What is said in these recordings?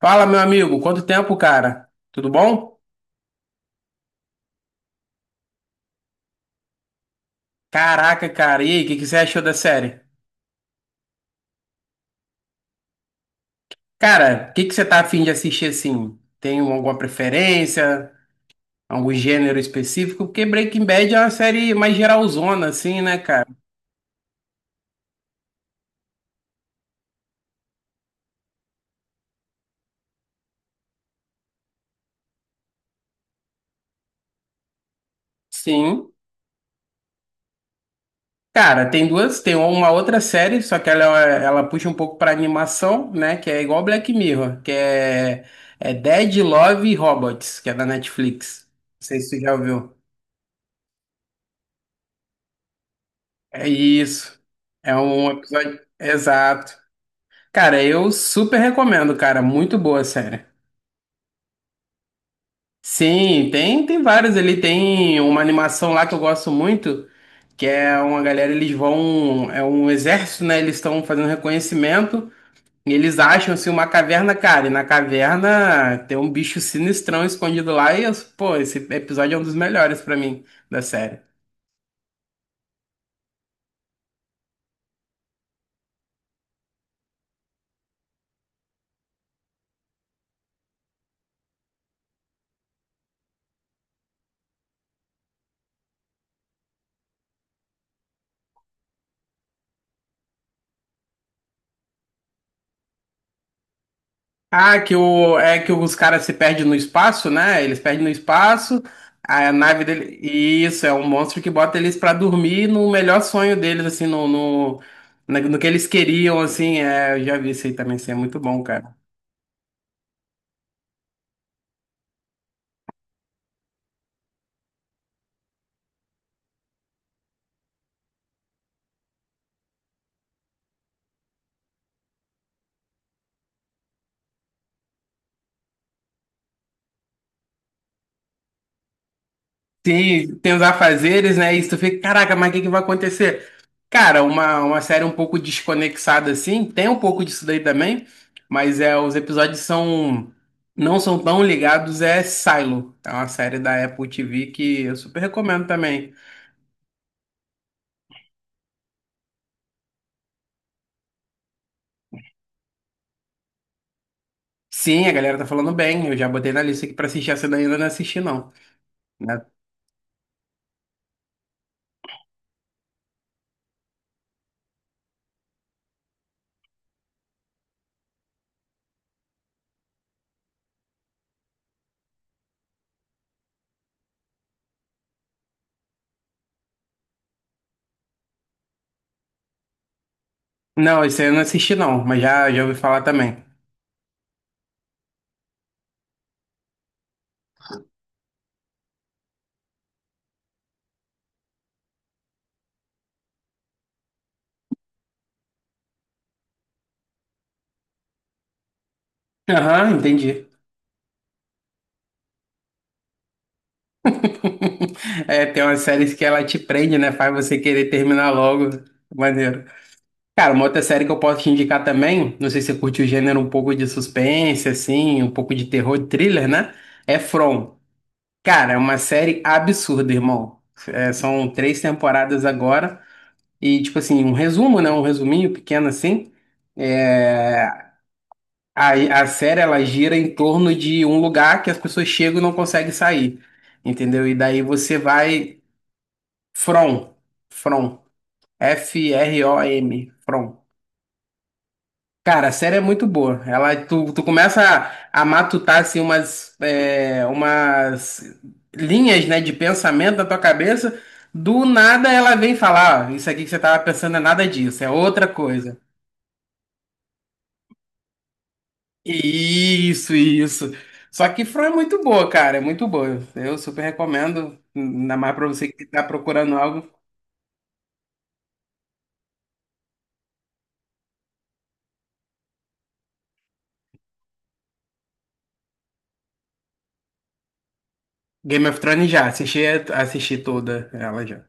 Fala, meu amigo, quanto tempo, cara? Tudo bom? Caraca, cara, e aí, o que que você achou da série? Cara, o que que você tá afim de assistir assim? Tem alguma preferência? Algum gênero específico? Porque Breaking Bad é uma série mais geralzona, assim, né, cara? Sim. Cara, tem duas, tem uma outra série, só que ela puxa um pouco pra animação, né? Que é igual Black Mirror, que é Dead Love Robots, que é da Netflix. Não sei se você já ouviu. É isso. É um episódio. Exato. Cara, eu super recomendo, cara. Muito boa a série. Sim, tem vários ali. Tem uma animação lá que eu gosto muito, que é uma galera, eles vão. É um exército, né? Eles estão fazendo reconhecimento. E eles acham assim uma caverna, cara. E na caverna tem um bicho sinistrão escondido lá. E eu, pô, esse episódio é um dos melhores pra mim da série. Ah, é que os caras se perdem no espaço, né? Eles perdem no espaço, a nave dele. Isso, é um monstro que bota eles pra dormir no melhor sonho deles, assim, no que eles queriam, assim. É, eu já vi isso aí também, assim, é muito bom, cara. Tem os afazeres, né? E tu fica, caraca, mas o que que vai acontecer? Cara, uma série um pouco desconexada assim, tem um pouco disso daí também, mas é, não são tão ligados, é Silo. É uma série da Apple TV que eu super recomendo também. Sim, a galera tá falando bem, eu já botei na lista aqui pra assistir, essa daí eu ainda não assisti não. Né? Não, esse aí eu não assisti não, mas já ouvi falar também. Aham, entendi. É, tem umas séries que ela te prende, né? Faz você querer terminar logo. Maneiro. Cara, uma outra série que eu posso te indicar também, não sei se você curte o gênero um pouco de suspense, assim, um pouco de terror, thriller, né? É From. Cara, é uma série absurda, irmão. É, são três temporadas agora. E, tipo assim, um resumo, né? Um resuminho pequeno, assim. É, a série ela gira em torno de um lugar que as pessoas chegam e não conseguem sair, entendeu? E daí você vai From, From, F-R-O-M, From. Cara, a série é muito boa. Tu começa a matutar assim, umas linhas, né, de pensamento na tua cabeça. Do nada ela vem falar, ó, isso aqui que você tava pensando é nada disso, é outra coisa. Isso, isso. Só que From é muito boa, cara, é muito boa. Eu super recomendo, ainda mais pra você que tá procurando algo. Game of Thrones já, assisti toda ela já.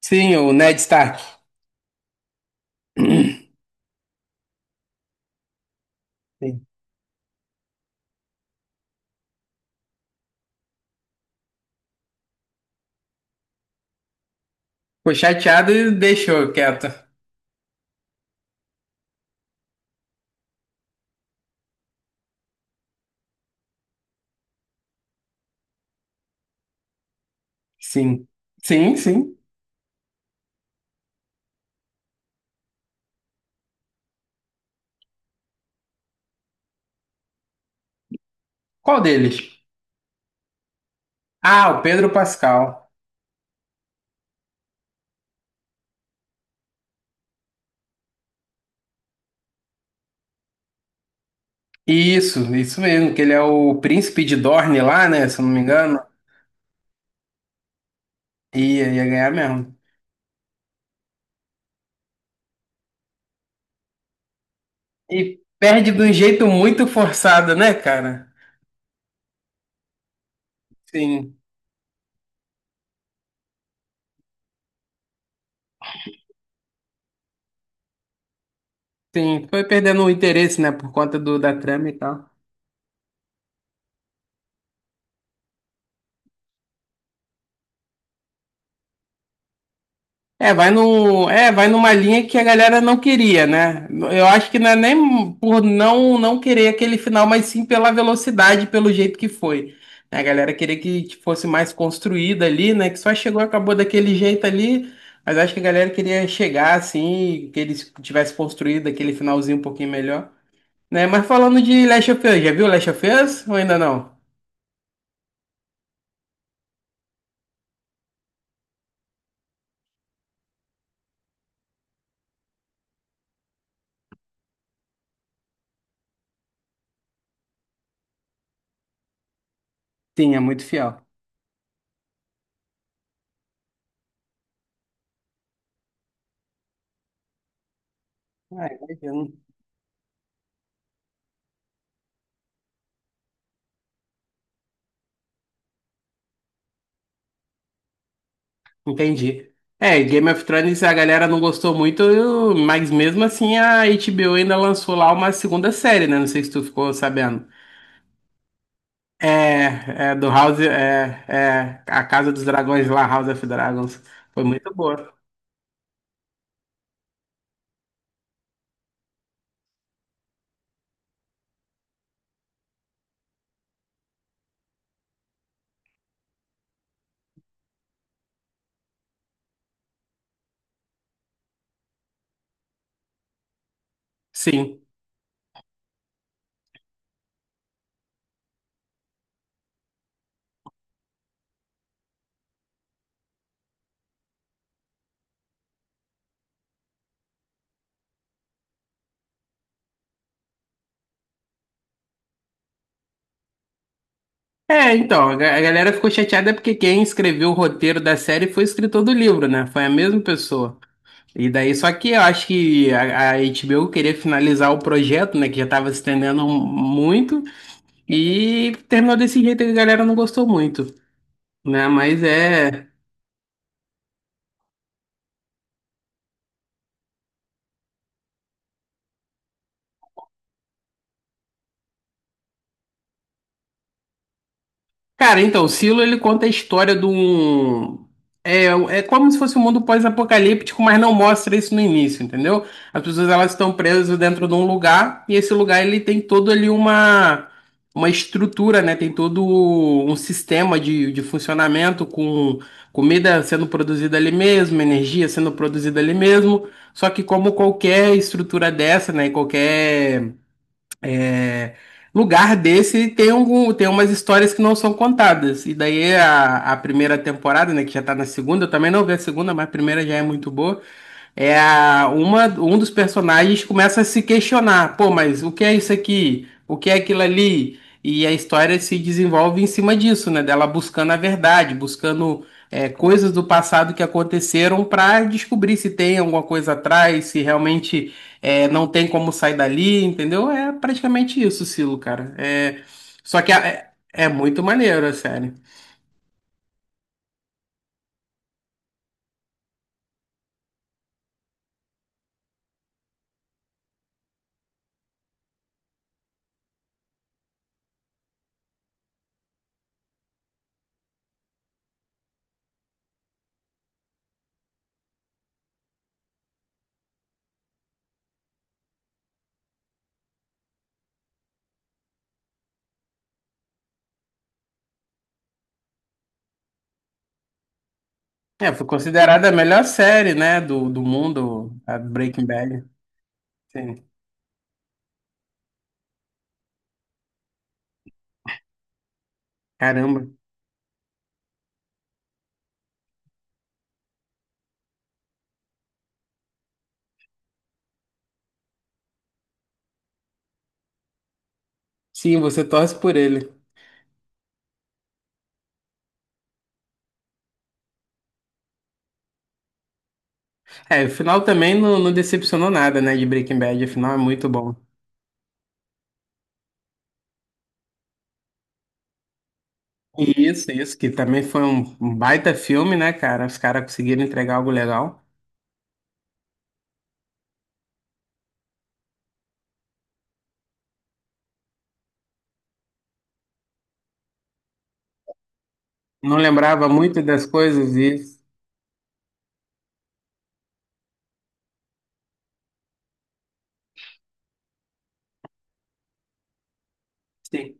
Sim, o Ned Stark. Sim. Ficou chateado e deixou quieto. Sim. Sim, sim. Qual deles? Ah, o Pedro Pascal. Isso mesmo, que ele é o príncipe de Dorne lá, né? Se eu não me engano. Ia ganhar mesmo. E perde de um jeito muito forçado, né, cara? Sim, sim. Foi perdendo o interesse, né? Por conta da trama e tal. É, vai no é, vai numa linha que a galera não queria, né? Eu acho que não é nem por não querer aquele final, mas sim pela velocidade, pelo jeito que foi. Né, a galera queria que fosse mais construída ali, né? Que só chegou, e acabou daquele jeito ali, mas acho que a galera queria chegar assim, que eles tivessem construído aquele finalzinho um pouquinho melhor, né? Mas falando de Last of Us, já viu Last of Us ou ainda não? Sim, é muito fiel. Ah, imagino. Entendi. É, Game of Thrones a galera não gostou muito, mas mesmo assim a HBO ainda lançou lá uma segunda série, né? Não sei se tu ficou sabendo. É a Casa dos Dragões lá, House of Dragons. Foi muito boa. Sim. É, então, a galera ficou chateada porque quem escreveu o roteiro da série foi o escritor do livro, né? Foi a mesma pessoa. E daí, só que eu acho que a HBO queria finalizar o projeto, né? Que já tava se estendendo muito. E terminou desse jeito que a galera não gostou muito, né? Mas é. Cara, então, o Silo ele conta a história de um. É, é como se fosse um mundo pós-apocalíptico, mas não mostra isso no início, entendeu? As pessoas elas estão presas dentro de um lugar e esse lugar ele tem todo ali uma estrutura, né? Tem todo um sistema de funcionamento com comida sendo produzida ali mesmo, energia sendo produzida ali mesmo. Só que como qualquer estrutura dessa, né? Qualquer é, lugar desse tem umas histórias que não são contadas. E daí a primeira temporada, né, que já tá na segunda, eu também não vi a segunda, mas a primeira já é muito boa. Um dos personagens começa a se questionar, pô, mas o que é isso aqui? O que é aquilo ali? E a história se desenvolve em cima disso, né? Dela buscando a verdade, coisas do passado que aconteceram para descobrir se tem alguma coisa atrás, se realmente não tem como sair dali, entendeu? É praticamente isso, Silo, cara. É, só que é muito maneiro a série. É, foi considerada a melhor série, né, do mundo, a Breaking Bad. Sim. Caramba. Sim, você torce por ele. É, o final também não, não decepcionou nada, né, de Breaking Bad. O final é muito bom. Isso, que também foi um baita filme, né, cara? Os caras conseguiram entregar algo legal. Não lembrava muito das coisas e... Sim.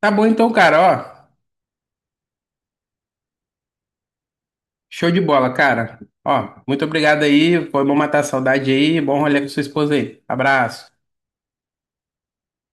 Tá bom então, cara, ó. Show de bola, cara. Ó, muito obrigado aí. Foi bom matar a saudade aí. Bom rolê com sua esposa aí. Abraço.